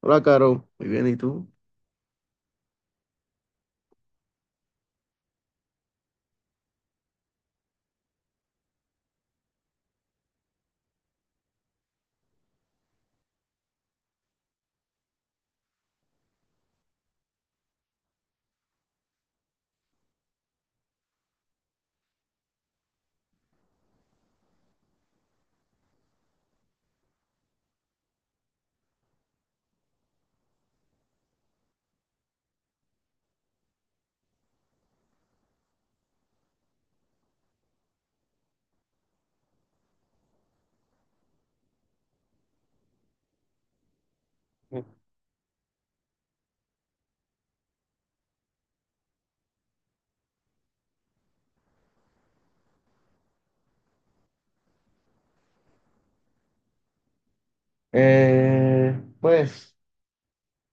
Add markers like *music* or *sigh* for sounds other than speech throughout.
Hola, Caro. Muy bien, ¿y tú? Pues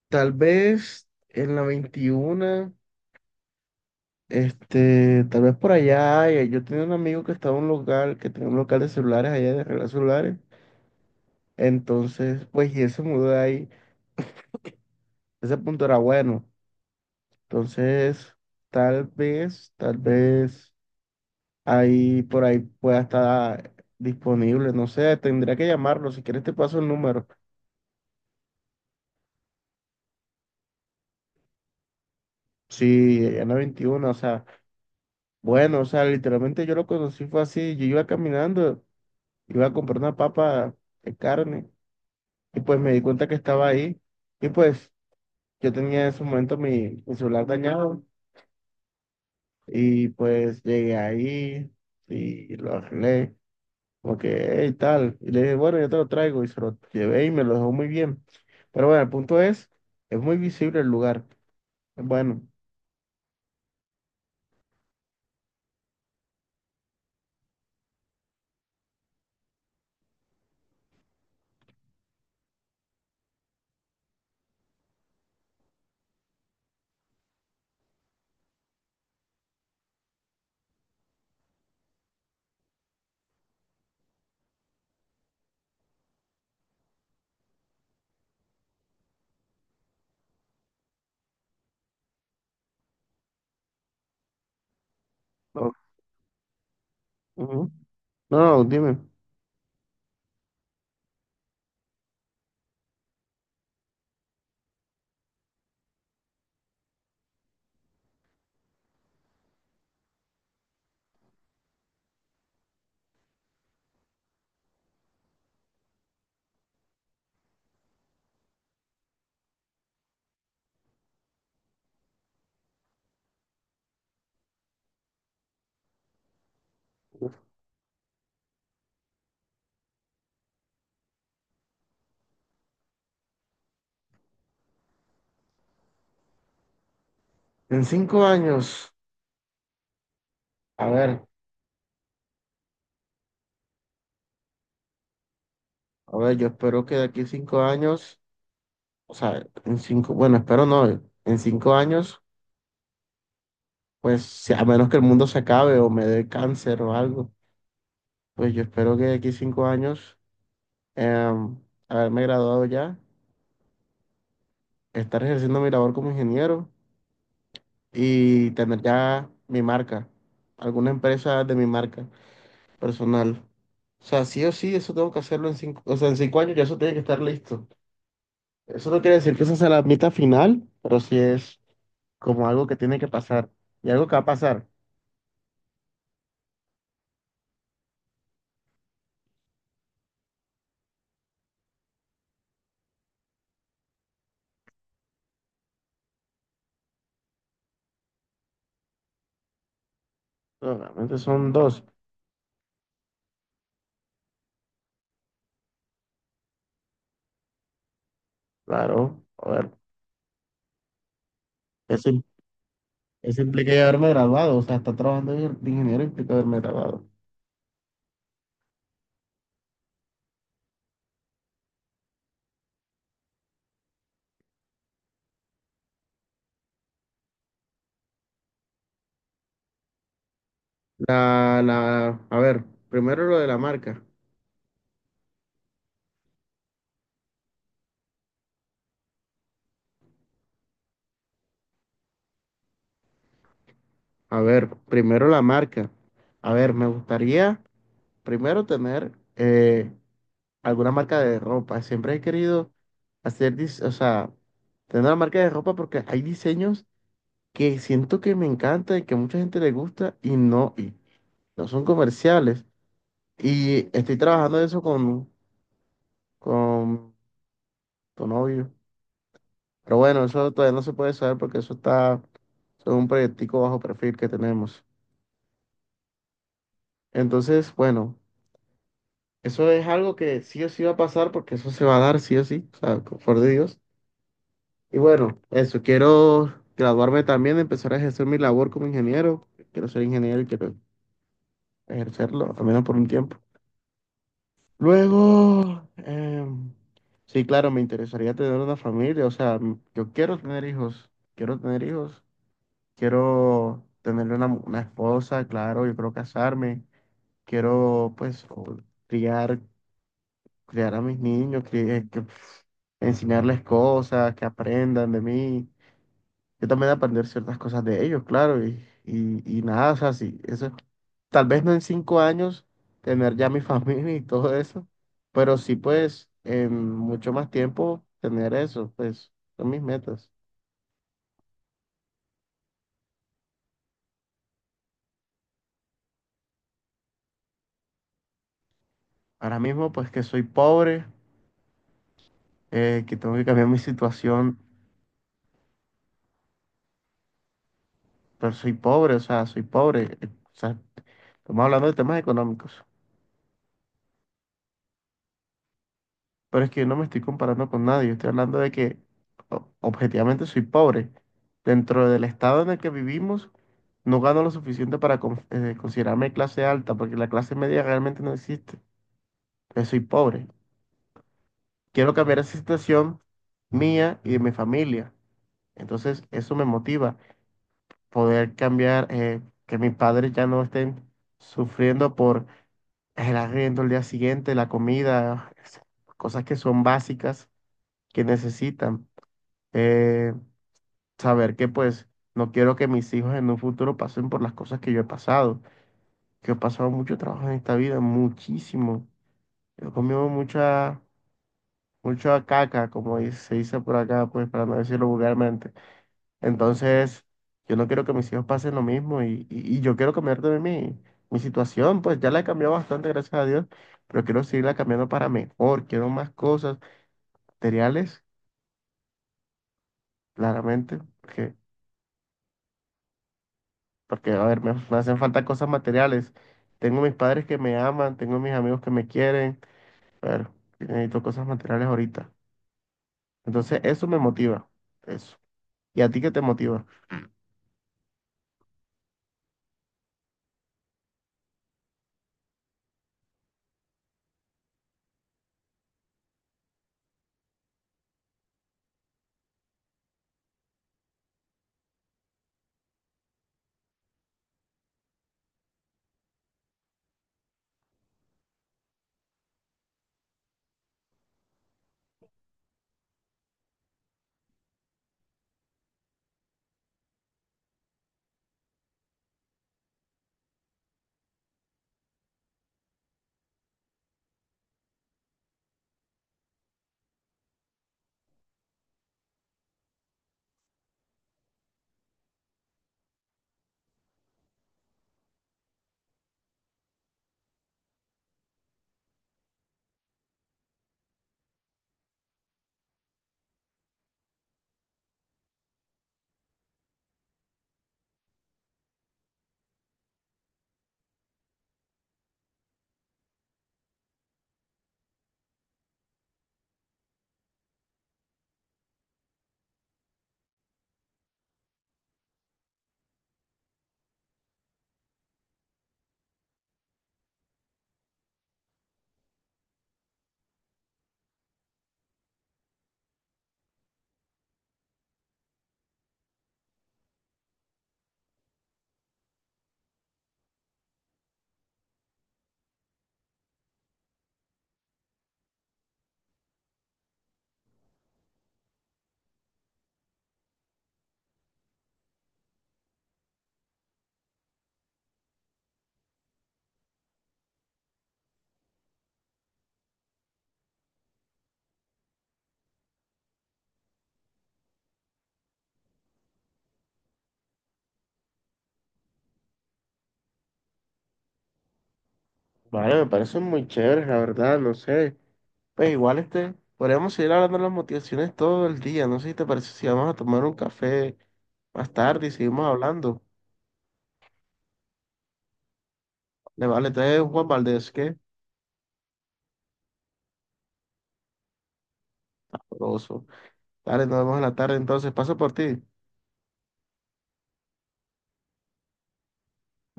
tal vez en la 21, tal vez por allá, yo tenía un amigo que estaba en un local, que tenía un local de celulares allá de regalar celulares. Entonces, pues, y él se mudó de ahí, ese punto era bueno. Entonces, tal vez ahí por ahí pueda estar disponible, no sé, tendría que llamarlo. Si quieres te paso el número. Sí, allá en la 21, o sea. Bueno, o sea, literalmente yo lo conocí fue así, yo iba caminando, iba a comprar una papa de carne y pues me di cuenta que estaba ahí, y pues yo tenía en ese momento mi celular dañado y pues llegué ahí y lo arreglé, como que, hey, tal, y le dije, bueno, yo te lo traigo, y se lo llevé y me lo dejó muy bien. Pero bueno, el punto es muy visible el lugar. Bueno, no, ujú. No, no, dime. En cinco años, a ver. A ver, yo espero que de aquí a cinco años, o sea, en cinco, bueno, espero no, en cinco años, a menos que el mundo se acabe o me dé cáncer o algo, pues yo espero que de aquí a cinco años, em, haberme graduado ya, estar ejerciendo mi labor como ingeniero y tener ya mi marca, alguna empresa de mi marca personal. O sea, sí o sí, eso tengo que hacerlo en cinco, o sea, en cinco años ya eso tiene que estar listo. Eso no quiere decir que esa sea la meta final, pero sí es como algo que tiene que pasar y algo que va a pasar. Pero realmente son dos, claro. A ver, eso, eso implica ya haberme graduado, o sea, estar trabajando de ingeniero implica haberme graduado. A ver, primero lo de la marca. A ver, primero la marca. A ver, me gustaría primero tener, alguna marca de ropa. Siempre he querido hacer, o sea, tener una marca de ropa porque hay diseños que siento que me encanta y que a mucha gente le gusta y no son comerciales. Y estoy trabajando eso con tu novio. Pero bueno, eso todavía no se puede saber porque eso es un proyectico bajo perfil que tenemos. Entonces, bueno, eso es algo que sí o sí va a pasar porque eso se va a dar sí o sí, o sea, por favor de Dios. Y bueno, eso, quiero graduarme también, empezar a ejercer mi labor como ingeniero. Quiero ser ingeniero y quiero ejercerlo, al menos por un tiempo. Luego, sí, claro, me interesaría tener una familia, o sea, yo quiero tener hijos, quiero tener hijos, quiero tener una, una esposa, claro, yo quiero casarme, quiero pues, criar, criar a mis niños, que enseñarles cosas, que aprendan de mí, yo también aprender ciertas cosas de ellos, claro, y nada, o sea, sí, eso, tal vez no en cinco años tener ya mi *laughs* familia y todo eso, pero sí, pues, en mucho más tiempo tener eso, pues, son mis metas. Ahora mismo, pues, que soy pobre, que tengo que cambiar mi situación, pero soy pobre, o sea, soy pobre, o sea, estamos hablando de temas económicos. Pero es que yo no me estoy comparando con nadie. Estoy hablando de que, objetivamente soy pobre. Dentro del estado en el que vivimos, no gano lo suficiente para considerarme clase alta, porque la clase media realmente no existe. Yo soy pobre. Quiero cambiar esa situación mía y de mi familia. Entonces, eso me motiva. Poder cambiar, que mis padres ya no estén sufriendo por el arriendo, el día siguiente, la comida, cosas que son básicas, que necesitan. eh, saber que, pues, no quiero que mis hijos en un futuro pasen por las cosas que yo he pasado, que yo he pasado mucho trabajo en esta vida, muchísimo. Yo he comido mucha, mucha caca, como se dice por acá, pues para no decirlo vulgarmente. Entonces, yo no quiero que mis hijos pasen lo mismo, y yo quiero cambiar de mi situación. Pues ya la he cambiado bastante, gracias a Dios, pero quiero seguirla cambiando para mejor. Quiero más cosas materiales, claramente, porque, a ver, me hacen falta cosas materiales. Tengo mis padres que me aman, tengo mis amigos que me quieren, pero necesito cosas materiales ahorita. Entonces, eso me motiva, eso. ¿Y a ti qué te motiva? Vale, me parecen muy chéveres, la verdad, no sé. Pues igual, podríamos seguir hablando de las motivaciones todo el día. No sé si te parece si vamos a tomar un café más tarde y seguimos hablando. Le vale, entonces Juan Valdés, ¿qué? Sabroso. Dale, nos vemos en la tarde entonces. Paso por ti.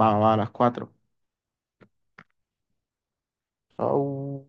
Va, va, a las cuatro. Chau.